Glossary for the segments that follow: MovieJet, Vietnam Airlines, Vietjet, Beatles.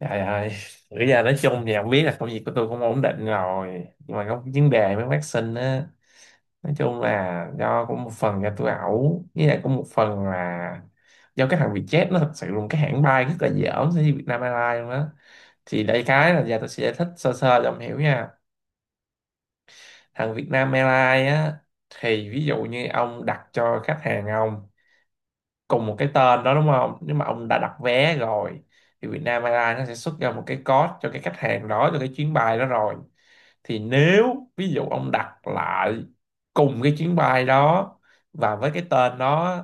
Trời ơi, bây giờ nói chung thì không biết là công việc của tôi cũng ổn định rồi. Nhưng mà có vấn đề với bác sinh á. Nói chung là do cũng một phần là tôi ẩu. Với lại cũng một phần là do cái thằng Vietjet, nó thật sự là một cái hãng bay rất là dởm so với Vietnam Airlines luôn á. Thì đây cái là giờ tôi sẽ giải thích sơ sơ cho ông hiểu nha. Thằng Vietnam Airlines á, thì ví dụ như ông đặt cho khách hàng ông cùng một cái tên đó, đúng không, nếu mà ông đã đặt vé rồi thì Vietnam Airlines nó sẽ xuất ra một cái code cho cái khách hàng đó, cho cái chuyến bay đó rồi, thì nếu ví dụ ông đặt lại cùng cái chuyến bay đó và với cái tên đó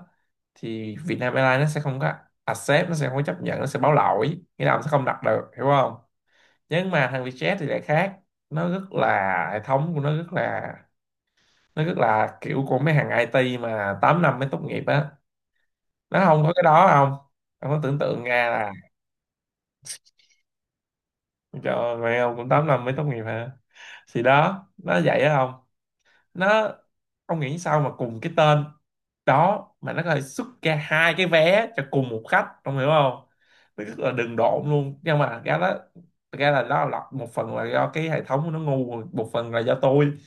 thì Vietnam Airlines nó sẽ không có accept, nó sẽ không có chấp nhận, nó sẽ báo lỗi, nghĩa là ông sẽ không đặt được, hiểu không. Nhưng mà thằng Vietjet thì lại khác, nó rất là, hệ thống của nó rất là, nó rất là kiểu của mấy hàng IT mà 8 năm mới tốt nghiệp á, nó không có cái đó không. Ông có tưởng tượng ra là cho mẹ ông cũng tám năm mới tốt nghiệp hả? Thì đó nó vậy á không, nó, ông nghĩ sao mà cùng cái tên đó mà nó có thể xuất ra hai cái vé cho cùng một khách, ông hiểu không. Nó rất là đừng độn luôn, nhưng mà cái đó thật ra là nó là một phần là do cái hệ thống của nó ngu, một phần là do tôi.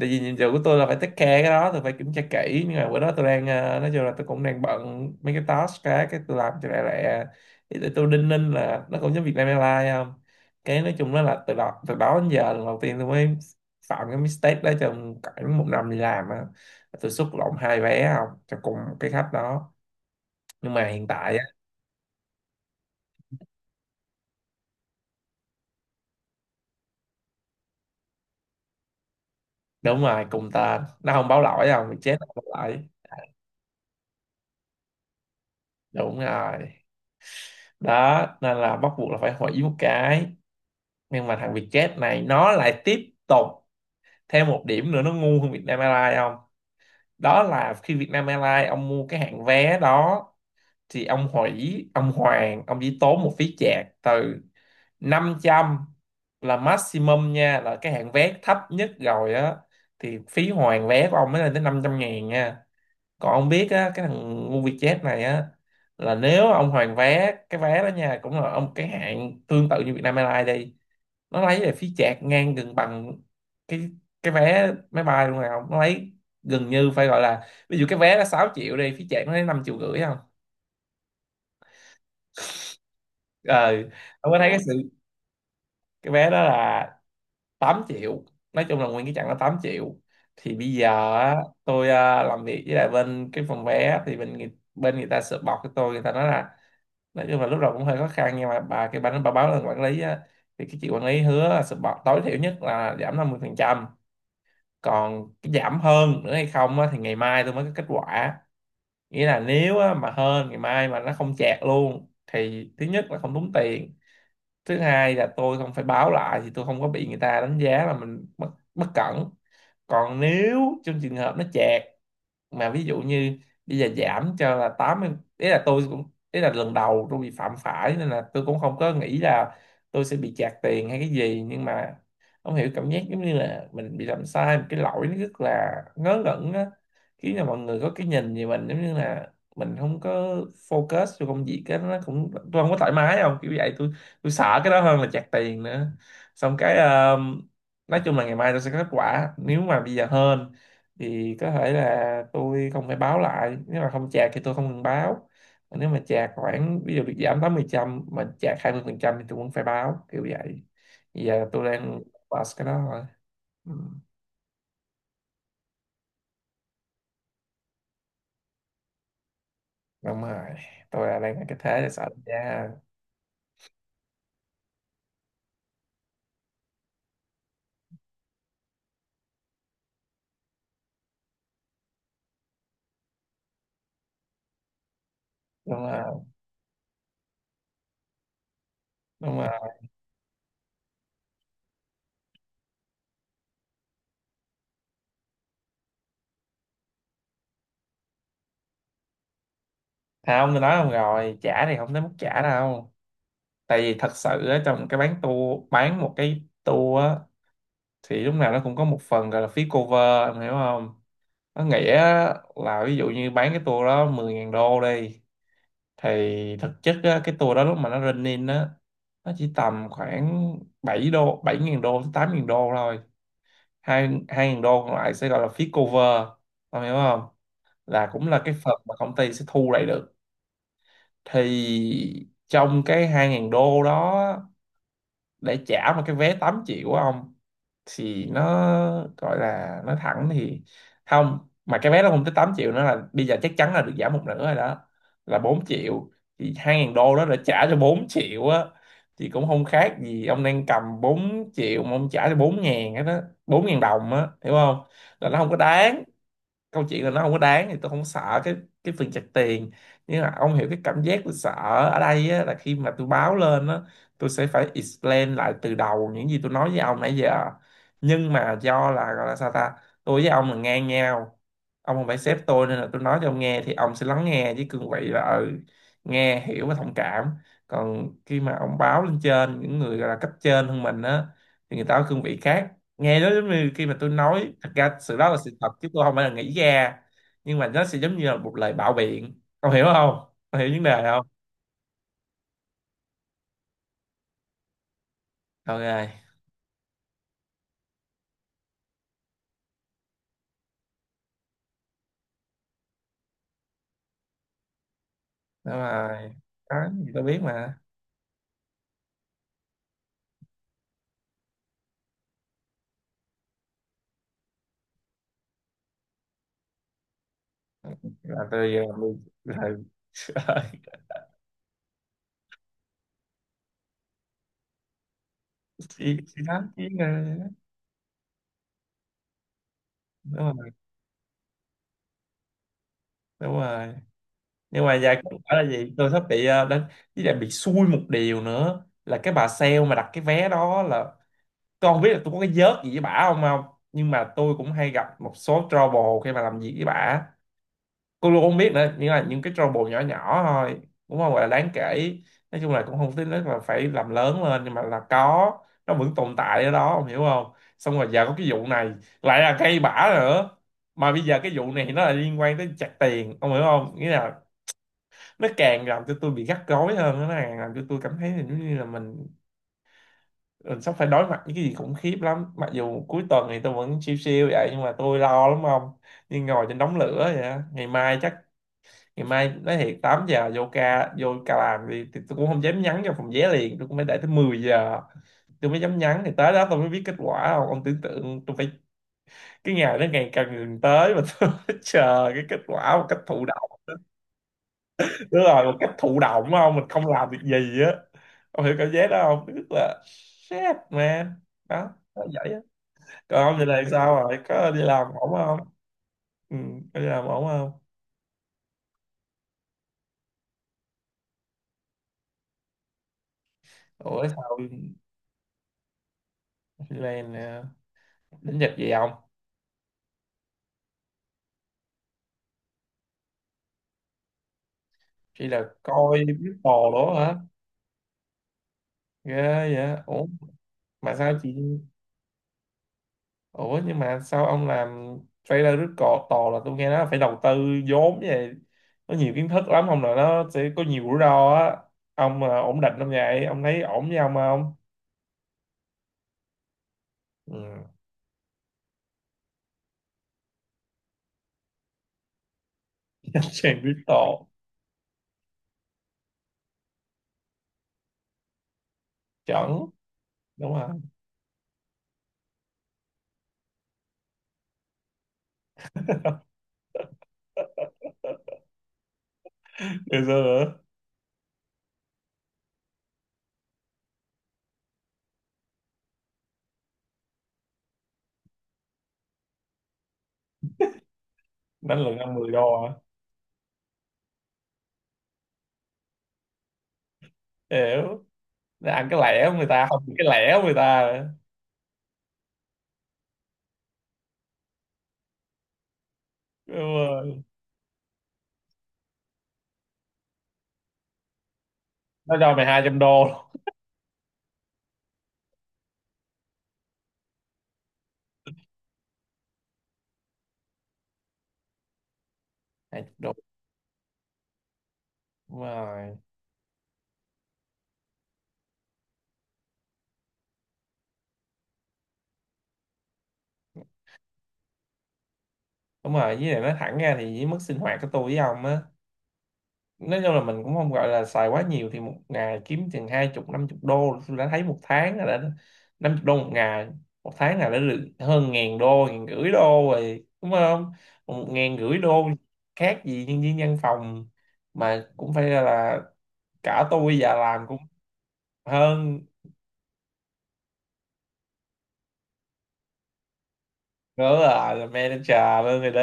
Tại vì nhiệm vụ của tôi là phải take care cái đó, tôi phải kiểm tra kỹ, nhưng mà bữa đó tôi đang nói chung là tôi cũng đang bận mấy cái task, cái tôi làm cho lẹ lẹ, thì tôi đinh ninh là nó cũng giống Vietnam Airlines không. Cái nói chung đó là từ đó đến giờ lần đầu tiên tôi mới phạm cái mistake đó trong khoảng một năm đi làm á, tôi xuất lộn hai vé không cho cùng cái khách đó. Nhưng mà hiện tại á, đúng rồi, cùng tên nó không báo lỗi, không thì chết nó báo lỗi. Đúng rồi, đó nên là bắt buộc là phải hủy một cái. Nhưng mà thằng Vietjet này nó lại tiếp tục thêm một điểm nữa, nó ngu hơn Vietnam Airlines không. Đó là khi Vietnam Airlines, ông mua cái hạng vé đó thì ông hủy, ông hoàn, ông chỉ tốn một phí chạc từ 500 là maximum nha, là cái hạng vé thấp nhất rồi á, thì phí hoàn vé của ông mới lên tới 500 ngàn nha. Còn ông biết á, cái thằng MovieJet này á, là nếu ông hoàn vé cái vé đó nha, cũng là ông cái hạng tương tự như Vietnam Airlines đi, nó lấy lại phí chạc ngang gần bằng cái cái vé máy bay luôn nào, nó lấy gần như, phải gọi là, ví dụ cái vé là 6 triệu đi, phí chạc nó lấy 5 triệu rưỡi không. Ờ, ông có thấy cái sự, cái vé đó là 8 triệu, nói chung là nguyên cái chặng đó 8 triệu. Thì bây giờ á, tôi à, làm việc với lại bên cái phòng vé thì bên người ta sợ bọc cho tôi, người ta nói là nói chung là lúc đầu cũng hơi khó khăn, nhưng mà bà cái bà báo lên quản lý á, thì cái chị quản lý hứa là sợ bọc tối thiểu nhất là giảm 50 phần trăm. Còn cái giảm hơn nữa hay không á, thì ngày mai tôi mới có kết quả. Nghĩa là nếu á, mà hơn ngày mai mà nó không chẹt luôn thì thứ nhất là không tốn tiền, thứ hai là tôi không phải báo lại thì tôi không có bị người ta đánh giá là mình bất cẩn. Còn nếu trong trường hợp nó chẹt, mà ví dụ như bây giờ giảm cho là 80, ý là tôi cũng, ý là lần đầu tôi bị phạm phải nên là tôi cũng không có nghĩ là tôi sẽ bị phạt tiền hay cái gì, nhưng mà không hiểu cảm giác giống như là mình bị làm sai một cái lỗi nó rất là ngớ ngẩn á, khiến là mọi người có cái nhìn về mình giống như là mình không có focus cho công việc, cái nó cũng, tôi không có thoải mái không, kiểu vậy. Tôi sợ cái đó hơn là phạt tiền nữa. Xong cái nói chung là ngày mai tôi sẽ có kết quả, nếu mà bây giờ hên thì có thể là tôi không phải báo lại, nếu mà không chạc thì tôi không cần báo. Còn nếu mà chạc khoảng ví dụ bị giảm 80% mà chạc 20% thì tôi cũng phải báo kiểu vậy. Bây giờ tôi đang pass cái đó rồi. Ừ. Đúng rồi, tôi là đang ở cái thế là sợ, yeah. Đúng rồi. Đúng rồi, không tôi nói, không rồi trả thì không tới mức trả đâu. Tại vì thật sự á, trong cái bán tour, bán một cái tour á thì lúc nào nó cũng có một phần gọi là phí cover, em hiểu không. Nó nghĩa là ví dụ như bán cái tour đó mười ngàn đô đi, thì thực chất á, cái tour đó lúc mà nó run in á, nó chỉ tầm khoảng bảy ngàn đô tới 8.000 đô thôi, hai, hai ngàn đô còn lại sẽ gọi là phí cover, ông hiểu không, là cũng là cái phần mà công ty sẽ thu lại được. Thì trong cái hai ngàn đô đó để trả một cái vé 8 triệu của ông, thì nó gọi là nói thẳng thì không, mà cái vé nó không tới 8 triệu nữa, là bây giờ chắc chắn là được giảm một nửa rồi đó, là 4 triệu, thì hai ngàn đô đó đã trả cho 4 triệu á, thì cũng không khác gì ông đang cầm 4 triệu mà ông trả cho 4 ngàn hết á, 4 ngàn đồng á, hiểu không, là nó không có đáng. Câu chuyện là nó không có đáng, thì tôi không sợ cái phần chặt tiền, nhưng mà ông hiểu cái cảm giác tôi sợ ở đây á, là khi mà tôi báo lên á, tôi sẽ phải explain lại từ đầu những gì tôi nói với ông nãy giờ, nhưng mà do là, gọi là sao ta, tôi với ông là ngang nhau, ông không phải sếp tôi, nên là tôi nói cho ông nghe thì ông sẽ lắng nghe với cương vị là nghe hiểu và thông cảm. Còn khi mà ông báo lên trên những người gọi là cấp trên hơn mình á, thì người ta có cương vị khác, nghe nó giống như khi mà tôi nói thật ra sự đó là sự thật, chứ tôi không phải là nghĩ ra, nhưng mà nó sẽ giống như là một lời bạo biện, ông hiểu không, ông hiểu vấn đề không. OK. Đó là, đó gì tôi biết mà, là tôi giờ là là- chỉ đánh, chỉ nghe. Đúng rồi. Đúng rồi, nhưng mà giờ cũng phải là gì, tôi sắp bị đánh. Với lại bị xui một điều nữa là cái bà sale mà đặt cái vé đó là, tôi không biết là tôi có cái vớt gì với bả không không, nhưng mà tôi cũng hay gặp một số trouble khi mà làm việc với bả, cô luôn, không biết nữa, nhưng là những cái trouble nhỏ nhỏ thôi, cũng không gọi là đáng kể, nói chung là cũng không tính là phải làm lớn lên, nhưng mà là có, nó vẫn tồn tại ở đó, ông hiểu không. Xong rồi giờ có cái vụ này lại là cây bả nữa, mà bây giờ cái vụ này nó là liên quan tới chặt tiền, ông hiểu không, nghĩa là nó càng làm cho tôi bị gắt gối hơn, nó càng làm cho tôi cảm thấy là giống như là mình sắp phải đối mặt với cái gì khủng khiếp lắm, mặc dù cuối tuần thì tôi vẫn siêu siêu vậy, nhưng mà tôi lo lắm không, như ngồi trên đống lửa vậy á. Ngày mai chắc, ngày mai nói thiệt 8 giờ vô ca, làm đi thì tôi cũng không dám nhắn cho phòng vé liền, tôi cũng phải đợi tới 10 giờ tôi mới dám nhắn, thì tới đó tôi mới biết kết quả không. Ông tưởng tượng tôi phải, cái ngày đó ngày càng gần tới mà tôi phải chờ cái kết quả một cách thụ động. Đúng rồi, một cách thụ động không, mình không làm được gì á. Ông hiểu cảm giác đó không, tức là shit man, đó nó vậy á. Còn ông giờ này sao rồi, có đi làm ổn không? Ừ, có đi làm ổn không? Ủa sao này, đến giờ gì không? Chị là coi Beatles đó hả? Ghê vậy. Ủa mà sao chị, ủa nhưng mà sao ông làm trailer, rất cò tò là tôi nghe nó phải đầu tư vốn vậy. Nó nhiều kiến thức lắm không, là nó sẽ có nhiều rủi ro á. Ông à, ổn định không vậy? Ông thấy ổn với ông không? Ừ. Chàng Beatles. Chuẩn. Đúng không? Ngày xưa nữa. Đánh lượt ăn 10 đô à? Hiểu. Để ăn cái lẻ của người ta không, cái lẻ của người ta. Đúng rồi. Nó cho mày 200 đô. 200 đô. Đúng rồi. Đúng rồi, với lại nói thẳng ra thì với mức sinh hoạt của tôi với ông á, nói chung là mình cũng không gọi là xài quá nhiều, thì một ngày kiếm chừng hai chục năm chục đô tôi đã thấy, một tháng là đã, năm chục đô một ngày, một tháng là đã được hơn ngàn đô, ngàn rưỡi đô rồi, đúng không, một ngàn rưỡi đô, khác gì nhân viên văn phòng, mà cũng phải là cả tôi già làm cũng hơn, nữa là manager luôn rồi đó.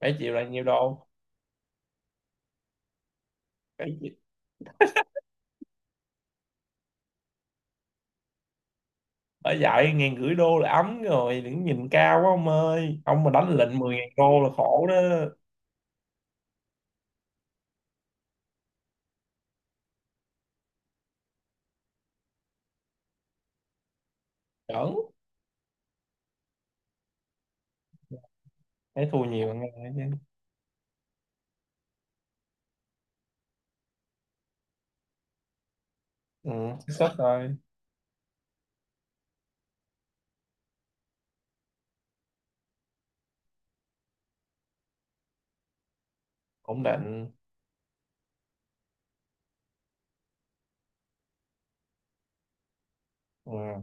Phải chịu là nhiêu đô, bà dạy ngàn rưỡi đô là ấm rồi, đừng nhìn cao quá ông ơi, ông mà đánh lệnh 10 ngàn đô là khổ đó. Chuẩn. Thấy thua nhiều ăn ngay chứ. Ừ, xác suất thôi. Ổn định. Ừ.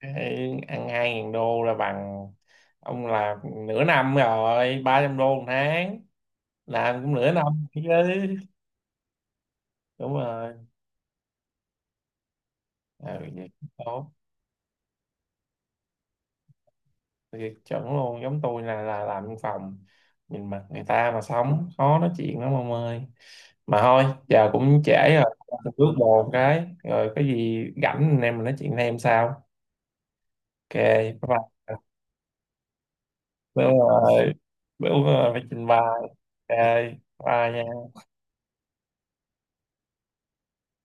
Cái ăn hai ngàn đô là bằng ông làm nửa năm rồi, ba trăm đô một tháng làm cũng nửa năm chứ. Đúng rồi. Ừ, vậy cũng tốt. Vậy chuẩn luôn, giống tôi là làm văn phòng nhìn mặt người ta mà sống, khó nói chuyện lắm ông ơi. Mà thôi giờ cũng trễ rồi. Tôi bước bồ cái rồi, có gì rảnh anh em mình nói chuyện thêm sao. OK, bye bye. bữa, ờ, bữa phải trình bày. OK, bye nha.